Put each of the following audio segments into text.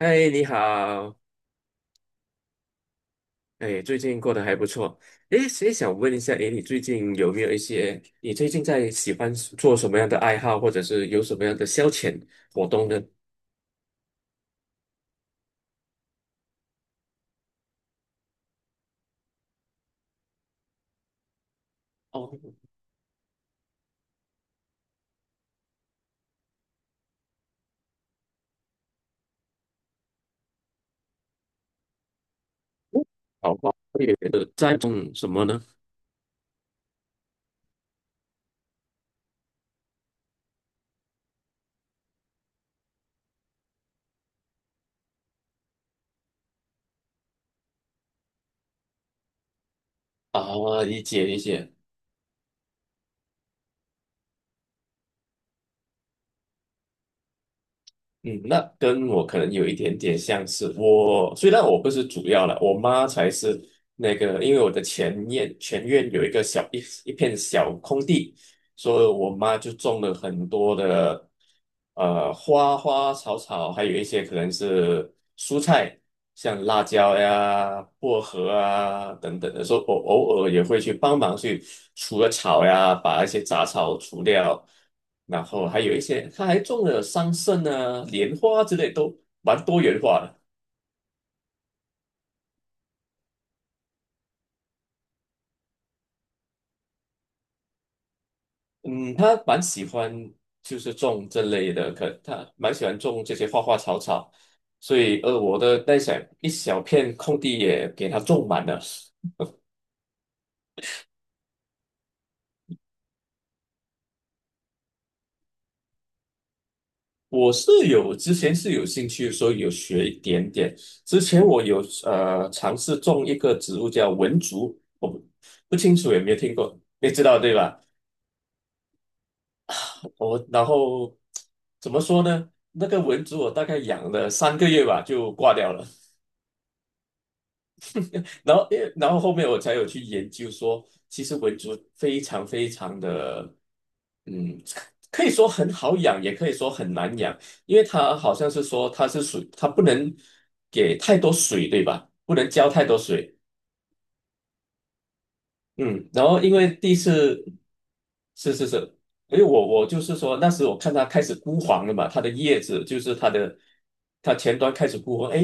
嗨，你好。哎，最近过得还不错。哎，所以想问一下，哎，你最近有没有一些，你最近在喜欢做什么样的爱好，或者是有什么样的消遣活动呢？哦，好吧，也在种什么呢？啊，理解理解。嗯，那跟我可能有一点点相似。虽然我不是主要了，我妈才是那个。因为我的前院有一个一片小空地，所以我妈就种了很多的花花草草，还有一些可能是蔬菜，像辣椒呀、薄荷啊等等的。所以我偶尔也会去帮忙去除了草呀，把一些杂草除掉。然后还有一些，他还种了桑葚啊、莲花之类，都蛮多元化的。嗯，他蛮喜欢就是种这类的，可他蛮喜欢种这些花花草草，所以我的一小片空地也给他种满了。我是有之前是有兴趣，所以有学一点点。之前我有尝试种一个植物叫文竹，我不清楚有没有听过，你知道对吧？我然后怎么说呢？那个蚊子我大概养了3个月吧，就挂掉了。然后，然后后面我才有去研究说，其实蚊子非常非常的，嗯，可以说很好养，也可以说很难养，因为它好像是说它是属，它不能给太多水，对吧？不能浇太多水。嗯，然后因为第一次是是是。因为我就是说那时我看它开始枯黄了嘛，它的叶子就是它的前端开始枯黄。哎，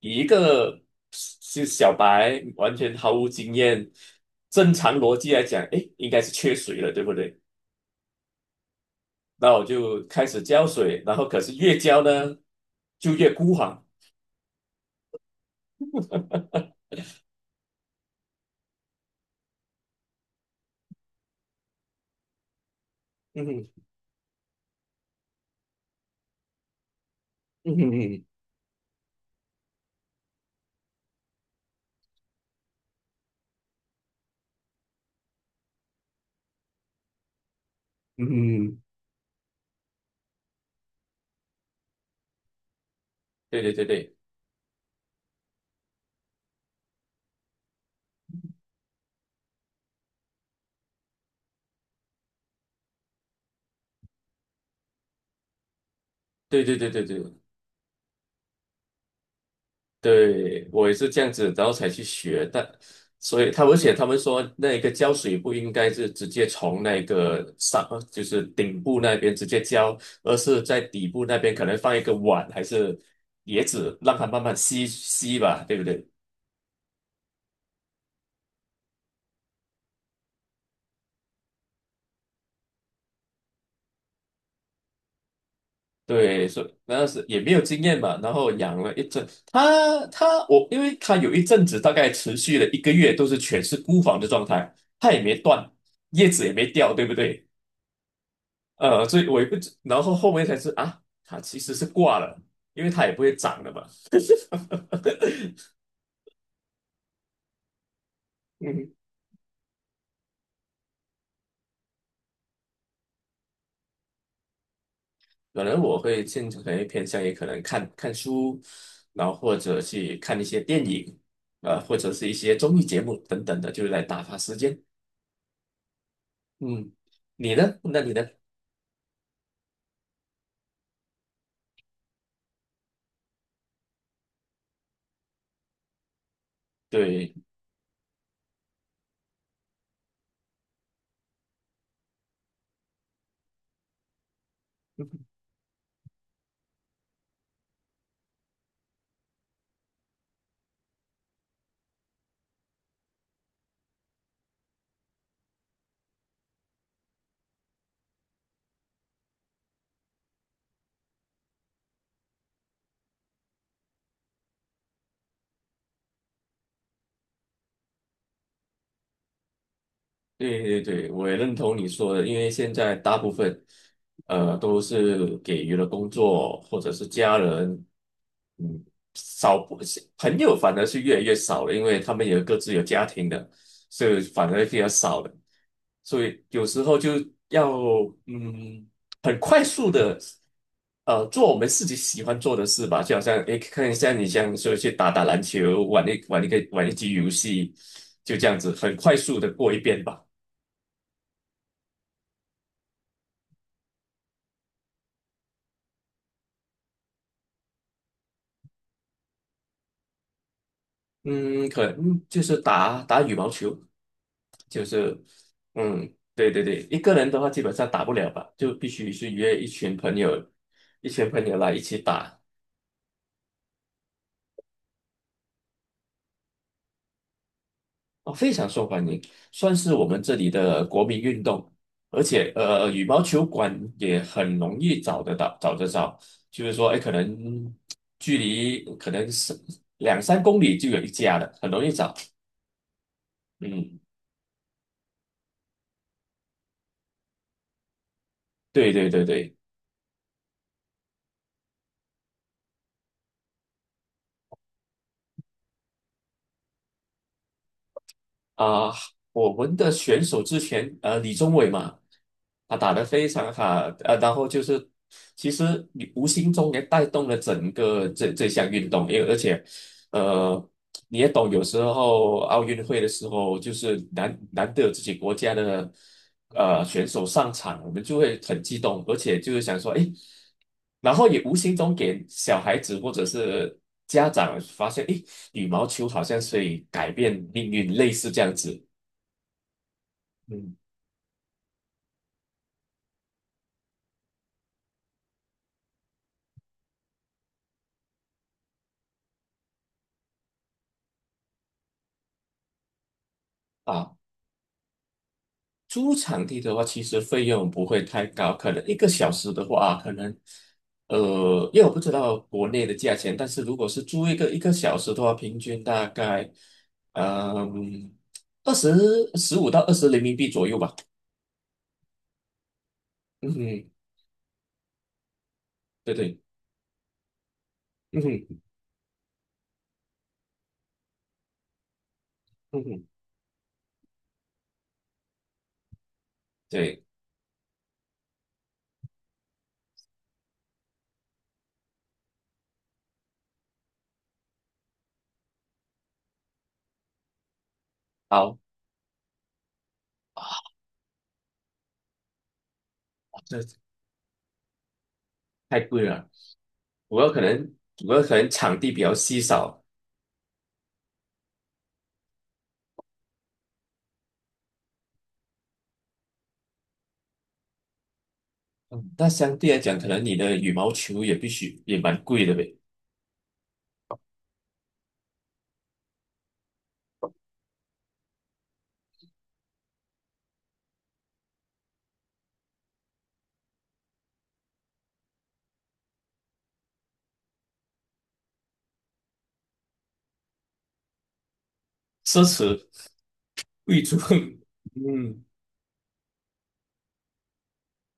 以一个是小白完全毫无经验，正常逻辑来讲，哎，应该是缺水了，对不对？那我就开始浇水，然后可是越浇呢就越枯黄。嗯哼，嗯哼，嗯哼，嗯哼。对对对对对对对对对。对，我也是这样子，然后才去学的。所以他们写，他们说那个浇水不应该是直接从那个上，就是顶部那边直接浇，而是在底部那边可能放一个碗还是碟子，让它慢慢吸吸吧，对不对？对，所以那是也没有经验嘛，然后养了一阵，我，因为他有一阵子大概持续了1个月都是全是孤房的状态。它也没断，叶子也没掉，对不对？所以我也不知，然后后面才知啊，他其实是挂了，因为他也不会长的嘛。嗯，可能我会现可能偏向于可能看看书，然后或者去看一些电影，或者是一些综艺节目等等的，就是来打发时间。嗯，你呢？那你呢？对。对对对，我也认同你说的，因为现在大部分，都是给予了工作或者是家人。嗯，不是朋友反而是越来越少了，因为他们也各自有家庭的，所以反而比较少了。所以有时候就要，嗯，很快速的，做我们自己喜欢做的事吧。就好像诶，看一下你像说去打打篮球，玩一局游戏，就这样子很快速的过一遍吧。嗯，可能嗯就是打打羽毛球。就是，嗯，对对对，一个人的话基本上打不了吧，就必须是约一群朋友，一群朋友来一起打。哦，非常受欢迎，算是我们这里的国民运动。而且羽毛球馆也很容易找得到，找得着。就是说，哎，可能距离可能是两三公里就有一家了，很容易找。嗯，对对对对。啊、我们的选手之前李宗伟嘛，他打得非常好。然后就是其实你无形中也带动了整个这项运动。因为而且呃你也懂，有时候奥运会的时候就是难得有自己国家的选手上场，我们就会很激动，而且就是想说，诶。然后也无形中给小孩子或者是家长发现，诶，羽毛球好像是以改变命运，类似这样子。嗯啊，租场地的话，其实费用不会太高，可能一个小时的话，啊可能呃，因为我不知道国内的价钱，但是如果是租一个小时的话，平均大概嗯二十15到20人民币左右吧。嗯哼。对对。嗯哼。嗯哼。对。好，这太贵了。我有可能，我有可能场地比较稀少。嗯，那相对来讲，可能你的羽毛球也必须也蛮贵的呗。奢侈贵族。嗯，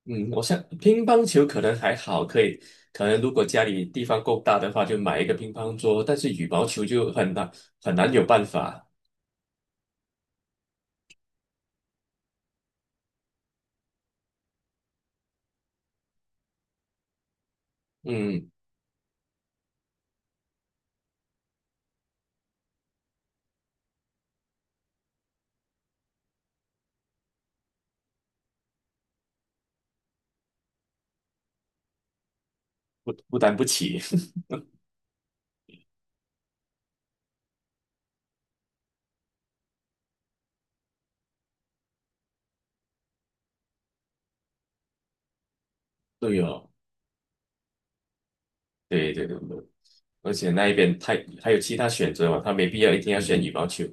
嗯，我想乒乓球可能还好，可以，可能如果家里地方够大的话，就买一个乒乓桌，但是羽毛球就很难，很难有办法。嗯，负担不起。对哦，对对对对，而且那一边太还有其他选择嘛，他没必要一定要选羽毛球。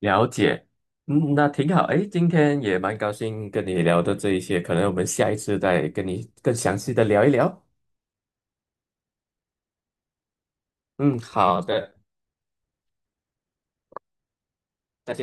了解。嗯，那挺好。诶，今天也蛮高兴跟你聊的这一些，可能我们下一次再跟你更详细的聊一聊。嗯，好的，再见。